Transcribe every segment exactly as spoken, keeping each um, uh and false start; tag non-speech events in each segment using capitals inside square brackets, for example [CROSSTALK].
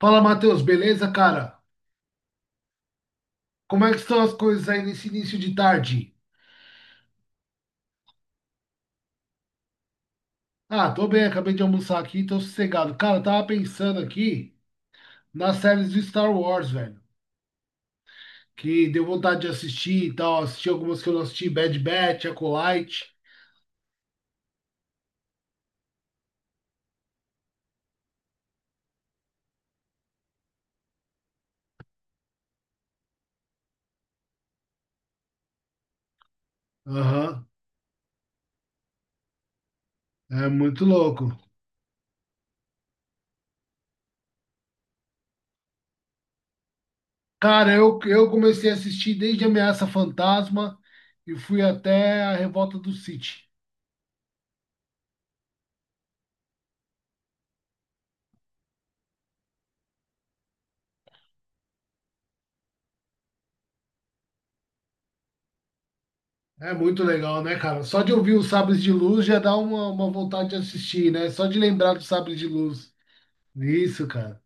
Fala, Matheus, beleza, cara? Como é que estão as coisas aí nesse início de tarde? Ah, tô bem, acabei de almoçar aqui, tô sossegado. Cara, eu tava pensando aqui nas séries do Star Wars, velho, que deu vontade de assistir e tal. Assisti algumas que eu não assisti, Bad Batch, Acolyte. Aham, é muito louco. Cara, eu, eu comecei a assistir desde Ameaça Fantasma e fui até a Revolta do Sith. É muito legal, né, cara? Só de ouvir os Sabres de Luz já dá uma, uma vontade de assistir, né? Só de lembrar dos Sabres de Luz. Isso, cara.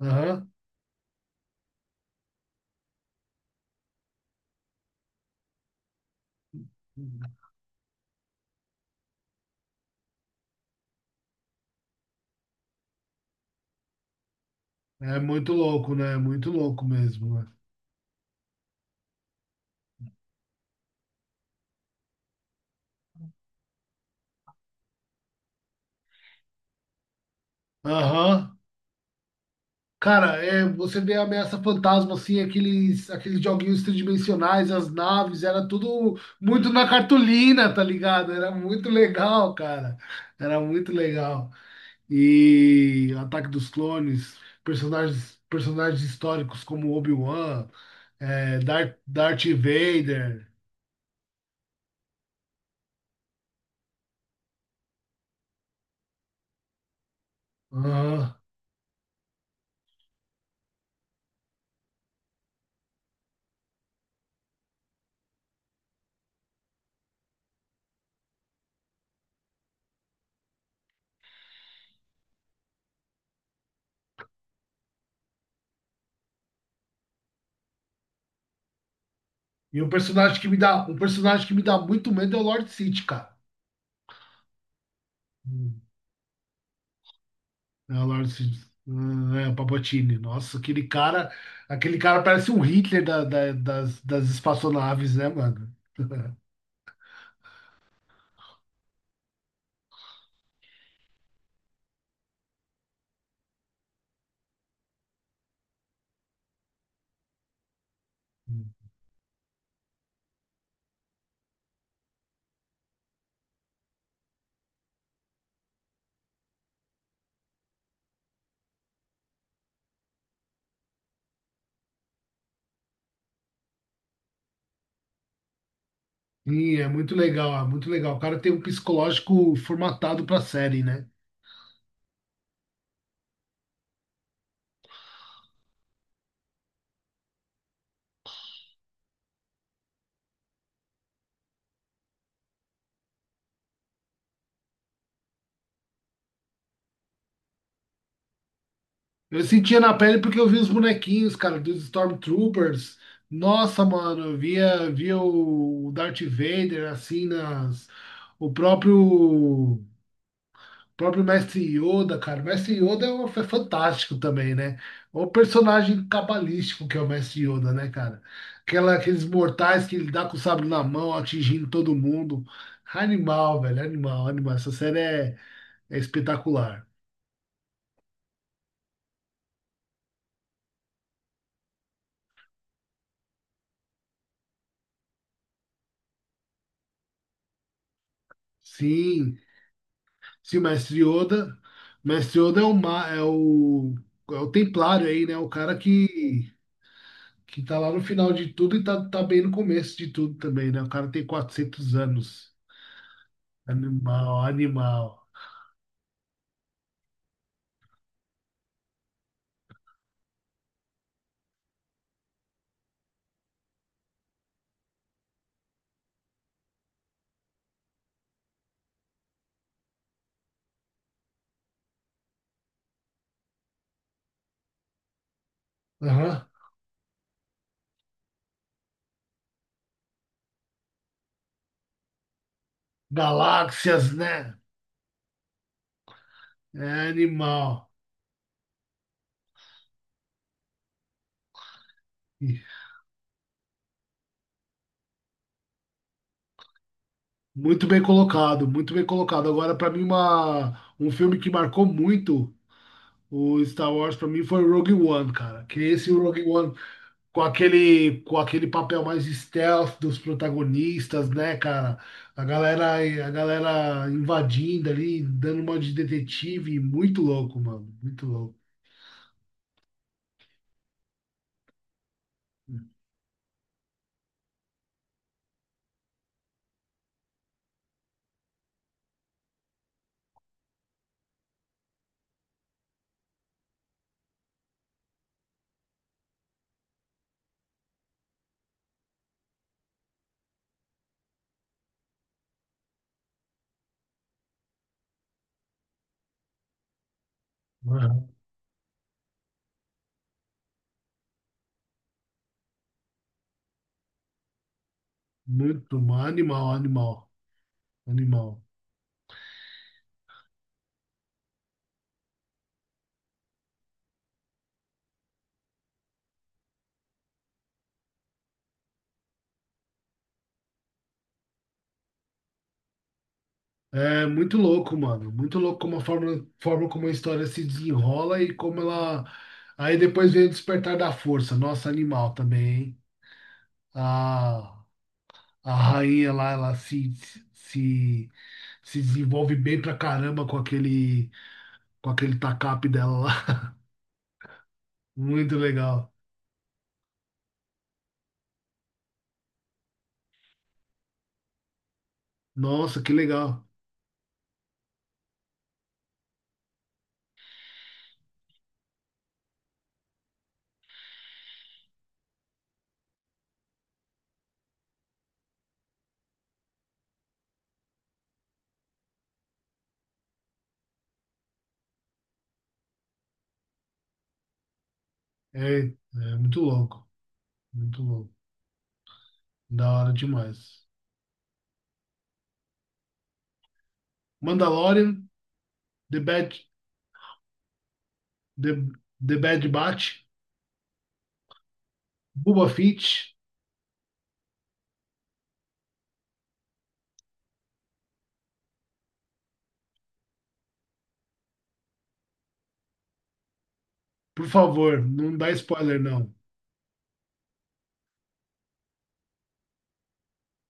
Aham. É muito louco, né? É muito louco mesmo, né? Aham. Cara, é, você vê a Ameaça Fantasma, assim, aqueles, aqueles joguinhos tridimensionais, as naves, era tudo muito na cartolina, tá ligado? Era muito legal, cara. Era muito legal. E Ataque dos Clones, personagens, personagens históricos como Obi-Wan, é, Darth, Darth Vader. Aham. E um personagem que me dá, um personagem que me dá muito medo é o Lord Sith, cara. Hum. É o Lord Sith. Hum. É, o Palpatine. Nossa, aquele cara, aquele cara parece um Hitler da- da- das, das espaçonaves, né, mano? [LAUGHS] Sim, é muito legal, é muito legal. O cara tem um psicológico formatado pra série, né? Eu sentia na pele porque eu vi os bonequinhos, cara, dos Stormtroopers. Nossa, mano, eu via, via o Darth Vader, assim, nas... O próprio, próprio Mestre Yoda, cara. O Mestre Yoda é, um- é fantástico também, né? O personagem cabalístico que é o Mestre Yoda, né, cara? Aquela, aqueles mortais que ele dá com o sabre na mão, atingindo todo mundo. Animal, velho, animal, animal. Essa série é, é espetacular. Sim. Se o Mestre Yoda. O Mestre Yoda é o, ma- é o, é o Templário aí, né? O cara que, que tá lá no final de tudo e tá, tá bem no começo de tudo também, né? O cara tem quatrocentos anos. Animal, animal. Aham. Galáxias, né? É animal. E muito bem colocado, muito bem colocado. Agora, pra mim, uma, um filme que marcou muito o Star Wars, pra mim, foi o Rogue One, cara. Que esse Rogue One com aquele, com aquele papel mais stealth dos protagonistas, né, cara? A galera, a galera invadindo ali, dando uma de detetive, muito louco, mano, muito louco. Aham. Muito, mano, animal, animal, animal. É muito louco, mano. Muito louco como a forma, forma como a história se desenrola e como ela. Aí depois vem o Despertar da Força. Nossa, animal também, hein? A, a rainha lá, ela se, se, se desenvolve bem pra caramba com aquele, com aquele tacape dela lá. [LAUGHS] Muito legal. Nossa, que legal. É, é muito louco. Muito louco. Da hora demais. Mandalorian, The Bad, The, The Bad Batch, Boba Fett. Por favor, não dá spoiler, não.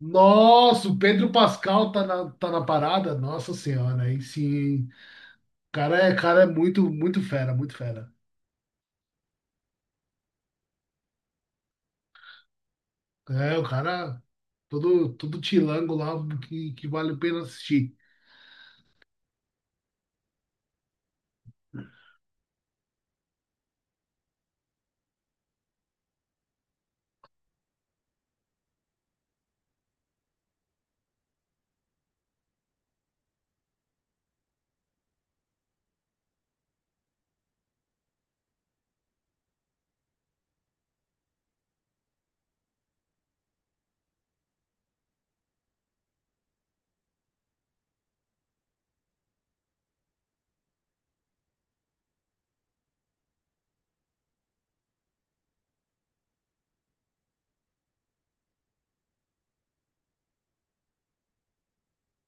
Nossa, o Pedro Pascal tá na, tá na parada? Nossa senhora, aí sim. O cara é, cara é muito, muito fera, muito fera. É, o cara, todo, todo tilango lá que, que vale a pena assistir.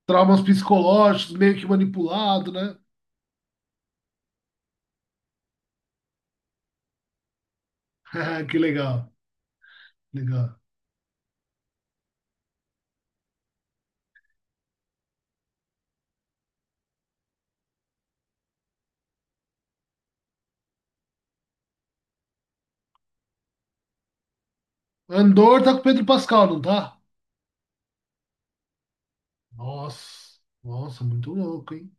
Traumas psicológicos, meio que manipulado, né? [LAUGHS] Que legal, legal. Andor tá com o Pedro Pascal, não tá? Nossa, nossa, muito louco, hein?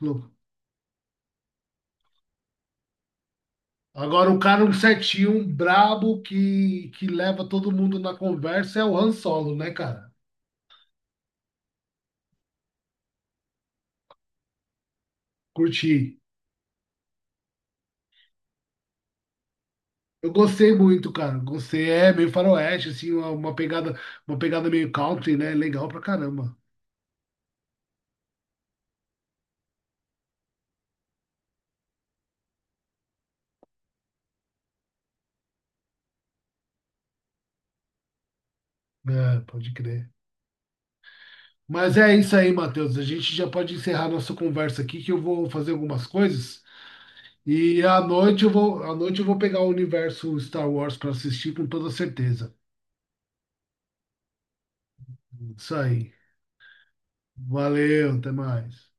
Louco. Agora, o cara um certinho, um brabo que, que leva todo mundo na conversa é o Han Solo, né, cara? Curti. Eu gostei muito, cara. Gostei. É meio faroeste, assim, uma, uma pegada, uma pegada meio country, né? Legal pra caramba. É, pode crer. Mas é isso aí, Matheus. A gente já pode encerrar nossa conversa aqui, que eu vou fazer algumas coisas. E à noite eu vou, à noite eu vou pegar o universo Star Wars pra assistir com toda certeza. Isso aí. Valeu, até mais.